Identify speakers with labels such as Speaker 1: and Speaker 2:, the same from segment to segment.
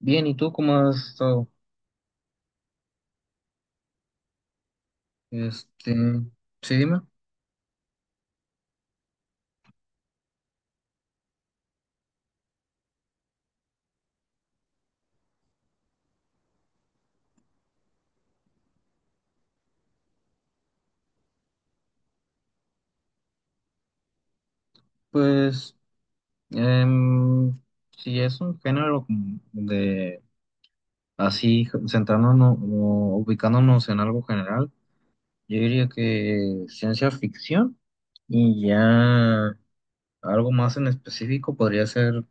Speaker 1: Bien, ¿y tú cómo has estado? Este, sí, dime. Pues, em, si es un género como de así, centrándonos o ubicándonos en algo general, yo diría que ciencia ficción y ya algo más en específico podría ser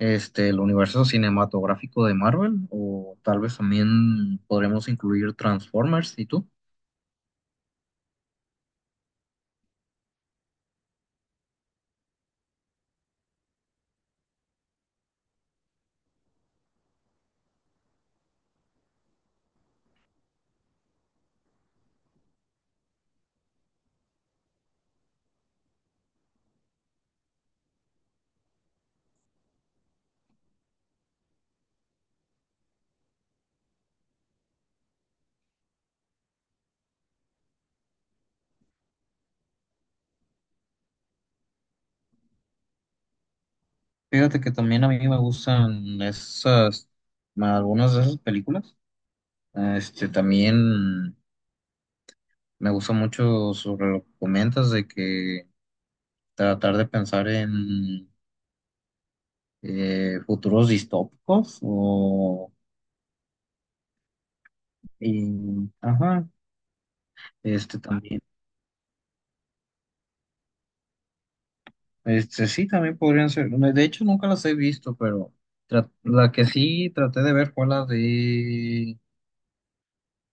Speaker 1: el universo cinematográfico de Marvel, o tal vez también podremos incluir Transformers. ¿Y tú? Fíjate que también a mí me gustan esas, algunas de esas películas. También me gusta mucho sobre lo que comentas de que tratar de pensar en futuros distópicos ajá, este también, este sí, también podrían ser. De hecho, nunca las he visto, pero la que sí traté de ver fue la de,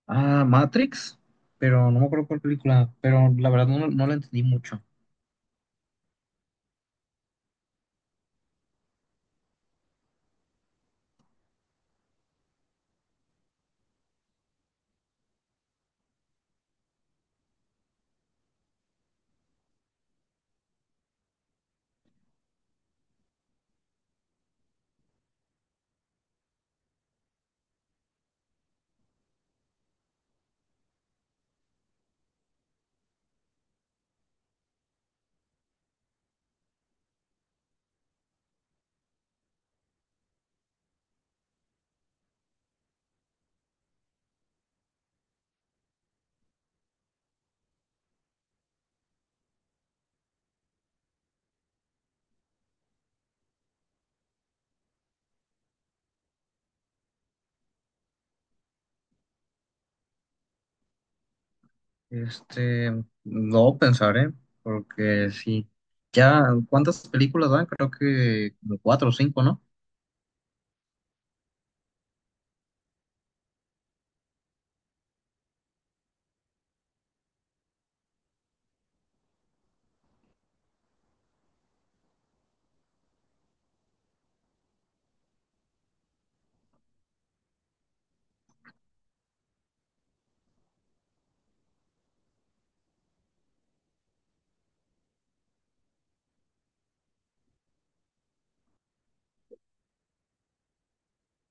Speaker 1: ah, Matrix, pero no me acuerdo cuál película, pero la verdad no la entendí mucho. Este, no pensaré, porque sí. Ya, ¿cuántas películas van? Creo que como cuatro o cinco, ¿no?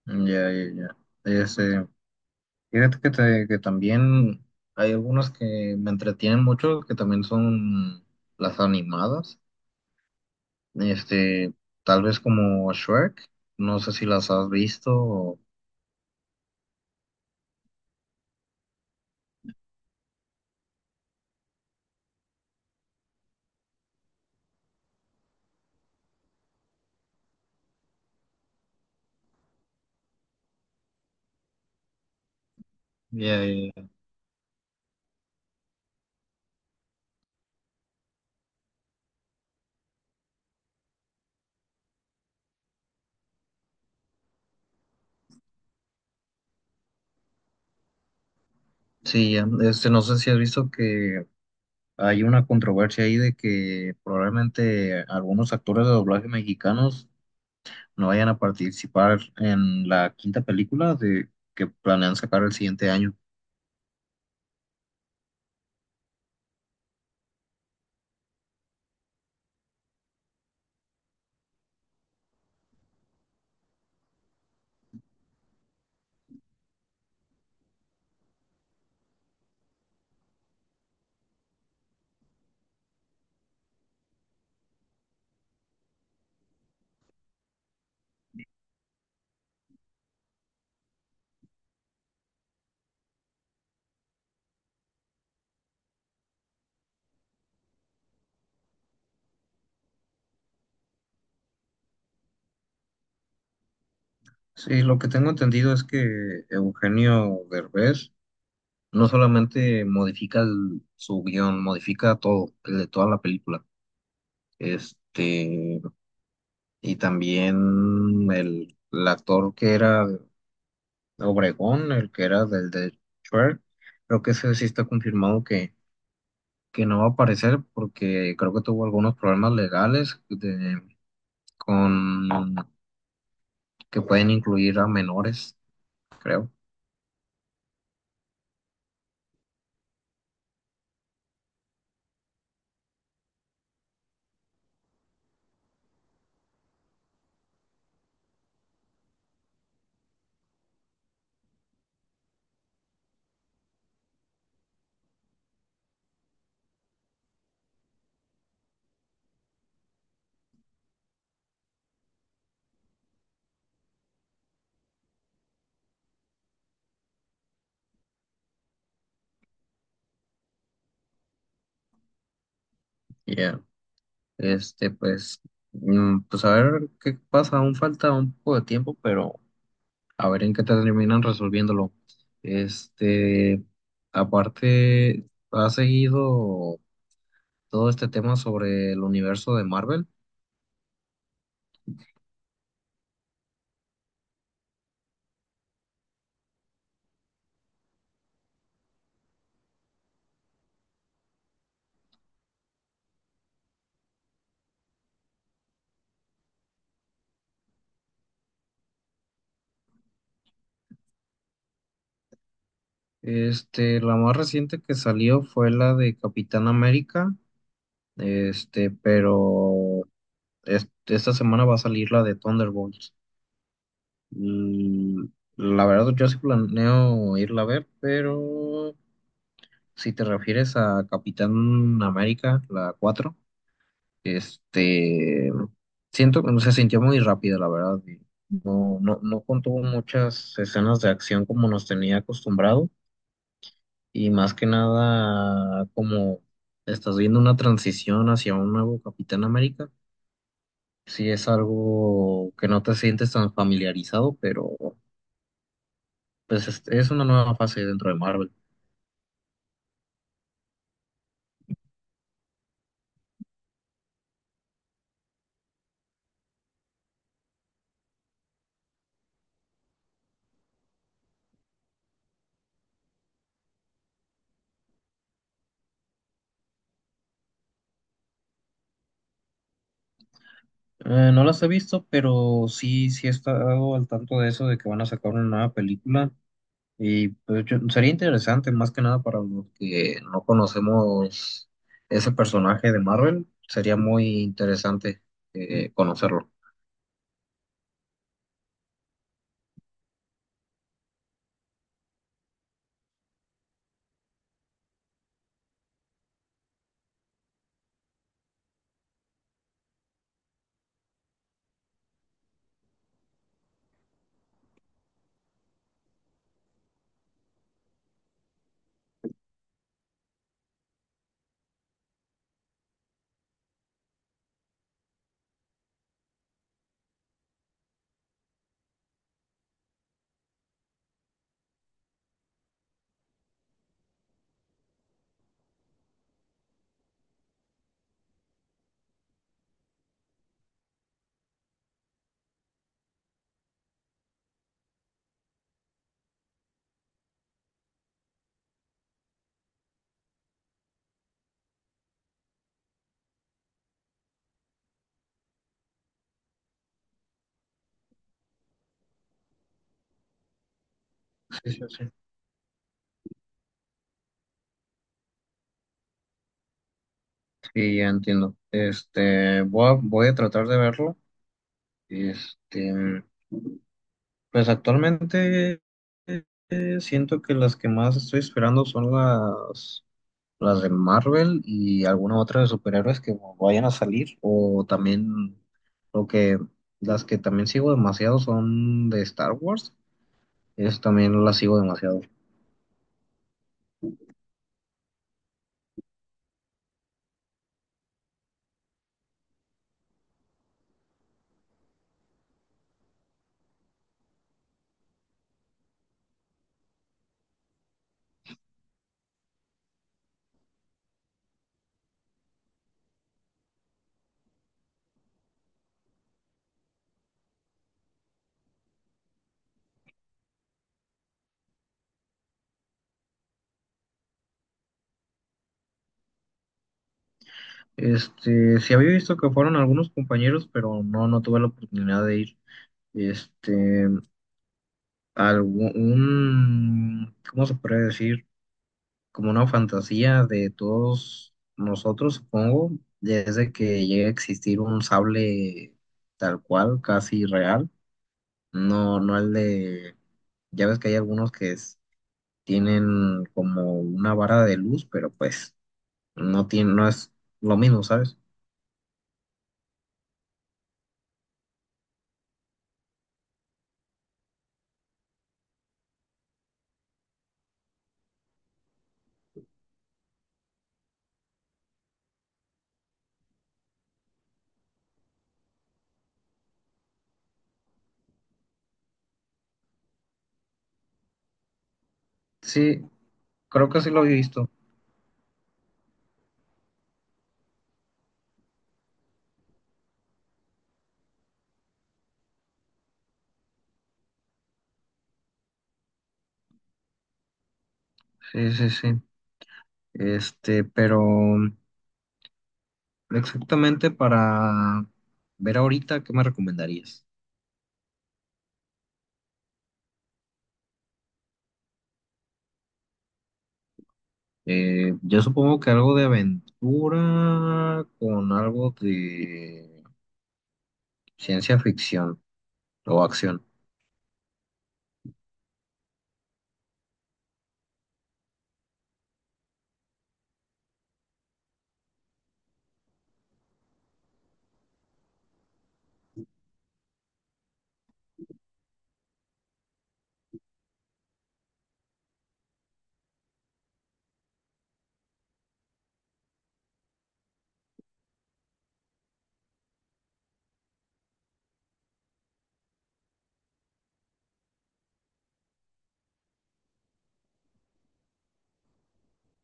Speaker 1: Ya, ya, ya. Este, Fíjate que también hay algunas que me entretienen mucho, que también son las animadas. Este, Tal vez como Shrek, no sé si las has visto. O... Ya, ya, ya. Sí, ya. No sé si has visto que hay una controversia ahí de que probablemente algunos actores de doblaje mexicanos no vayan a participar en la quinta película de que planean sacar el siguiente año. Sí, lo que tengo entendido es que Eugenio Derbez no solamente modifica su guión, modifica todo, el de toda la película. Este, y también el actor que era Obregón, el que era del de Shrek, creo que ese sí está confirmado que no va a aparecer porque creo que tuvo algunos problemas legales de, con que pueden incluir a menores, creo. Ya. Este, pues, pues a ver qué pasa, aún falta un poco de tiempo, pero a ver en qué terminan resolviéndolo. Este, Aparte, ha seguido todo este tema sobre el universo de Marvel. La más reciente que salió fue la de Capitán América. Pero esta semana va a salir la de Thunderbolts. Mm, La verdad, yo sí planeo irla a ver, pero si te refieres a Capitán América, la cuatro, este, siento que se sintió muy rápida, la verdad. No, no, no contuvo muchas escenas de acción como nos tenía acostumbrado, y más que nada, como estás viendo una transición hacia un nuevo Capitán América. Sí, es algo que no te sientes tan familiarizado, pero pues es una nueva fase dentro de Marvel. No las he visto, pero sí, sí he estado al tanto de eso, de que van a sacar una nueva película. Y pues sería interesante, más que nada para los que no conocemos ese personaje de Marvel, sería muy interesante conocerlo. Sí, sí, sí. Sí, ya entiendo. Voy a tratar de verlo. Este. Pues actualmente, eh, siento que las que más estoy esperando son las de Marvel y alguna otra de superhéroes que vayan a salir. O también lo que las que también sigo demasiado son de Star Wars. Eso también las sigo demasiado. Sí había visto que fueron algunos compañeros, pero no tuve la oportunidad de ir. Este, Algún, ¿cómo se puede decir? Como una fantasía de todos nosotros, supongo, desde que llegue a existir un sable tal cual, casi real, no, no el de, ya ves que hay algunos tienen como una vara de luz, pero pues no tiene, no es lo mismo, ¿sabes? Sí, creo que sí lo he visto. Sí, sí, sí, pero exactamente para ver ahorita, ¿qué me recomendarías? Yo supongo que algo de aventura con algo de ciencia ficción o acción.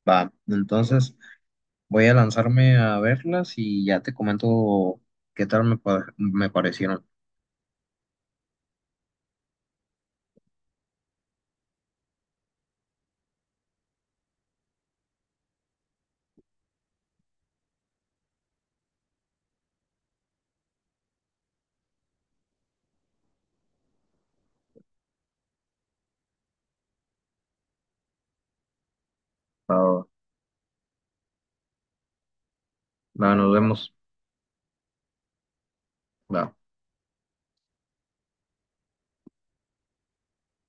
Speaker 1: Va, entonces voy a lanzarme a verlas y ya te comento qué tal me parecieron. Va. Va, nos vemos. Va.